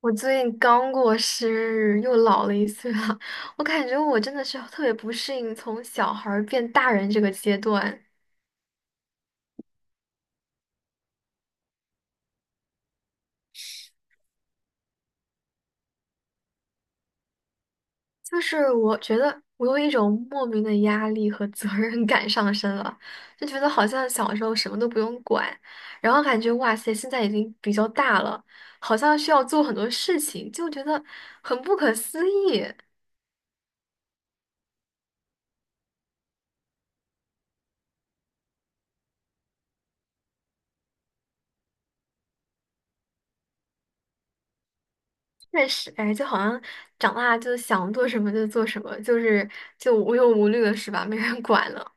我最近刚过生日，又老了一岁了。我感觉我真的是特别不适应从小孩儿变大人这个�阶段，就是我觉得我有一种莫名的压力和责任感上升了，就觉得好像小时候什么都不用管，然后感觉哇塞，现在已经比较大了，好像需要做很多事情，就觉得很不可思议。确实，哎，就好像长大就想做什么就做什么，就是就无忧无虑了，是吧？没人管了。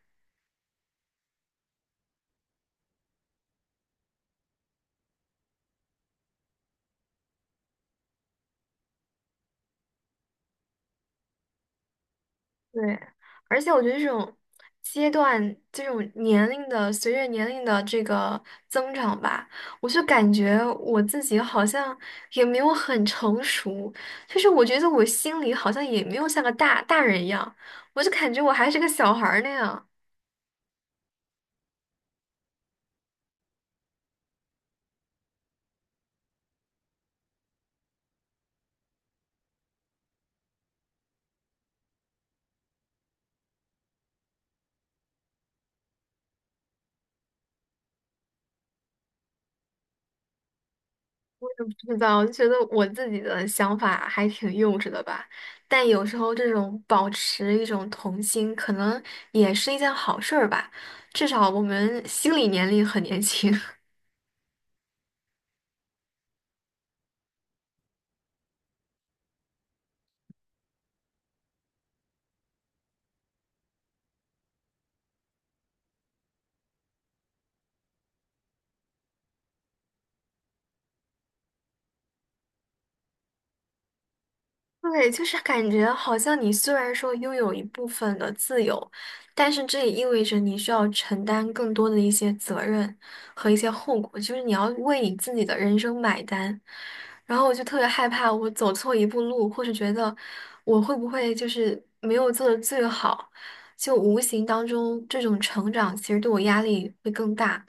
对，而且我觉得这种阶段、这种年龄的随着年龄的这个增长吧，我就感觉我自己好像也没有很成熟，就是我觉得我心里好像也没有像个大大人一样，我就感觉我还是个小孩儿那样。不知道，我就觉得我自己的想法还挺幼稚的吧。但有时候这种保持一种童心，可能也是一件好事儿吧，至少我们心理年龄很年轻。对，就是感觉好像你虽然说拥有一部分的自由，但是这也意味着你需要承担更多的一些责任和一些后果，就是你要为你自己的人生买单。然后我就特别害怕我走错一步路，或是觉得我会不会就是没有做的最好，就无形当中这种成长其实对我压力会更大。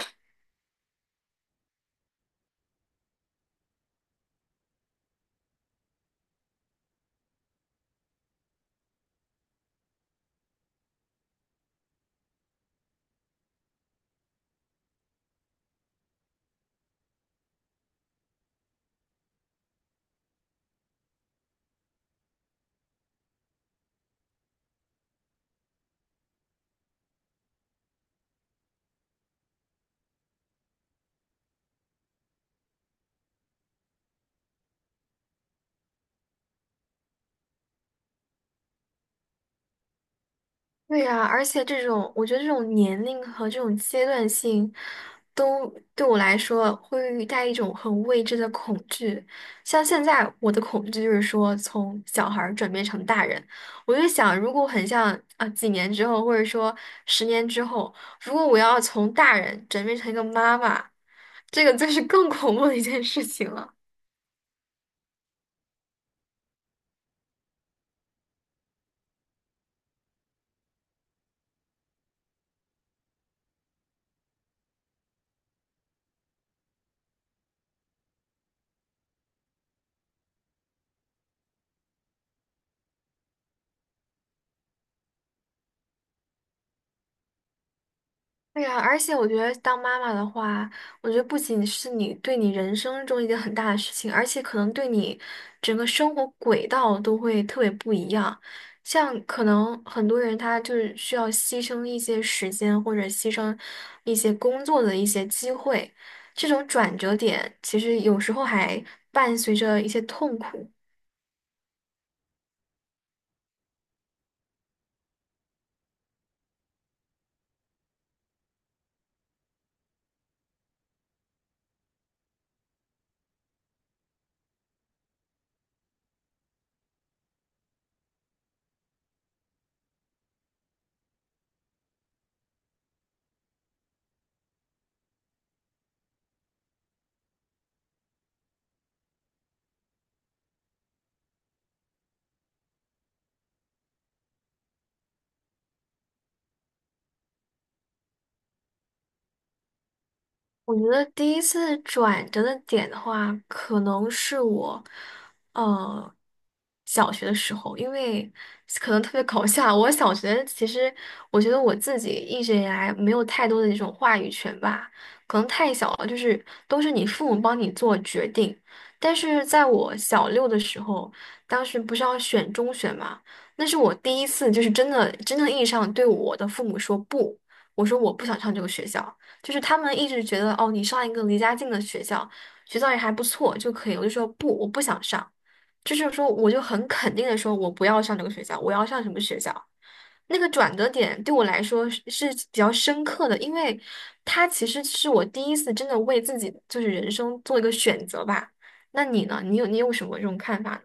对呀，而且这种，我觉得这种年龄和这种阶段性，都对我来说会带一种很未知的恐惧。像现在我的恐惧就是说，从小孩儿转变成大人，我就想，如果很像啊，几年之后，或者说十年之后，如果我要从大人转变成一个妈妈，这个就是更 恐怖的一件事情了。对呀，而且我觉得当妈妈的话，我觉得不仅是你对你人生中一件很大的事情，而且可能对你整个生活轨道都会特别不一样。像可能很多人他就是需要牺牲一些时间，或者牺牲一些工作的一些机会，这种转折点其实有时候还伴随着一些痛苦。我觉得第一次转折的点的话，可能是我，呃，小学的时候，因为可能特别搞笑。我小学其实，我觉得我自己一直以来没有太多的那种话语权吧，可能太小了，就是都是你父母帮你做决定。但是在我小六的时候，当时不是要选中学嘛，那是我第一次就是真的真正意义上对我的父母说不，我说我不想上这个学校。就是他们一直觉得哦，你上一个离家近的学校，学校也还不错就可以。我就说不，我不想上，就是说我就很肯定的说，我不要上这个学校，我要上什么学校。那个转折点对我来说是比较深刻的，因为它其实是我第一次真的为自己就是人生做一个选择吧。那你呢？你有什么这种看法呢？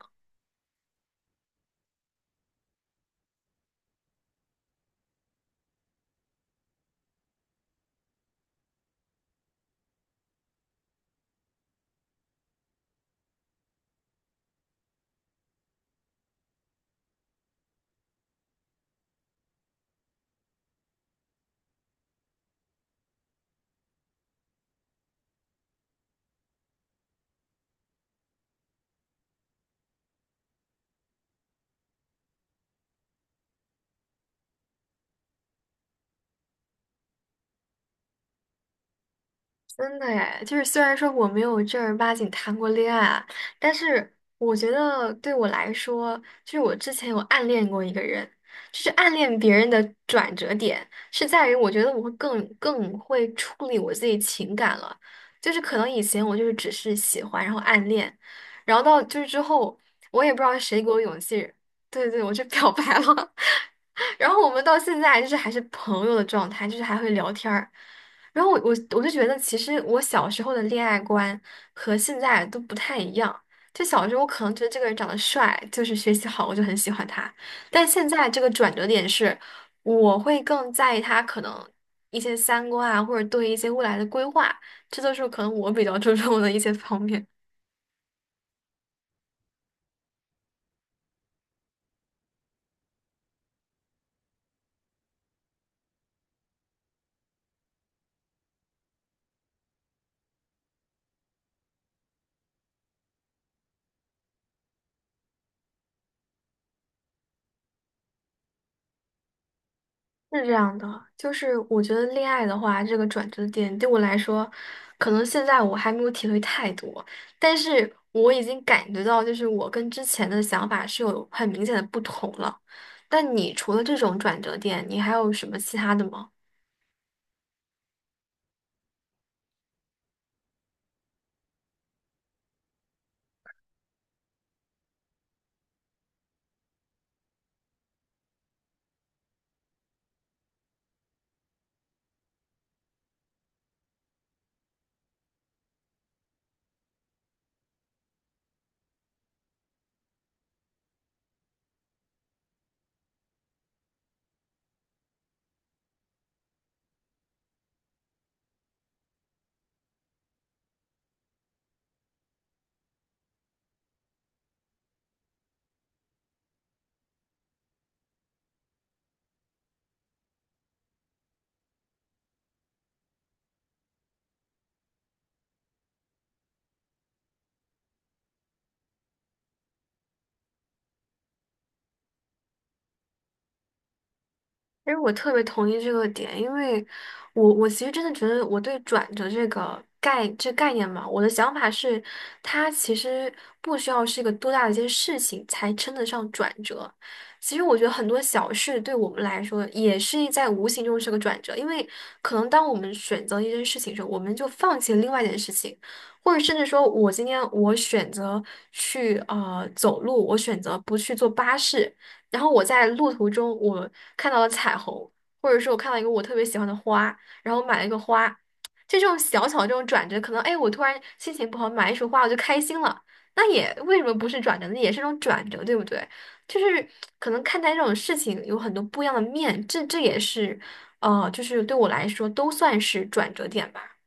真的哎，就是虽然说我没有正儿八经谈过恋爱啊，但是我觉得对我来说，就是我之前有暗恋过一个人，就是暗恋别人的转折点是在于，我觉得我会更会处理我自己情感了，就是可能以前我就是只是喜欢，然后暗恋，然后到就是之后，我也不知道谁给我勇气，对对对，我就表白了。然后我们到现在就是还是朋友的状态，就是还会聊天儿。然后我就觉得，其实我小时候的恋爱观和现在都不太一样。就小时候我可能觉得这个人长得帅，就是学习好，我就很喜欢他。但现在这个转折点是，我会更在意他可能一些三观啊，或者对一些未来的规划，这都是可能我比较 注重的一些方面。是这样的，就是我觉得恋爱的话，这个转折点对我来说，可能现在我还没有体会太多，但是我已经感觉到，就是我跟之前的想法是有很明显的不同了。但你除了这种转折点，你还有什么其他的吗？其实我特别同意这个点，因为我其实真的觉得我对转折这个概念嘛，我的想法是，它其实不需要是一个多大的一件事情才称得上转折。其实我觉得很多小事对我们来说也是在无形中是个转折，因为可能当我们选择一件事情的时候，我们就放弃了另外一件事情，或者甚至说我今天我选择去走路，我选择不去坐巴士。然后我在路途中，我看到了彩虹，或者说我看到一个我特别喜欢的花，然后买了一个花，就这种小小的这种转折，可能哎，我突然心情不好买一束花，我就开心了，那也为什么不是转折那也是一种转折，对不对？就是可能看待这种事情有很多不一样的面，这也是，呃，就是对我来说都算是转折点吧。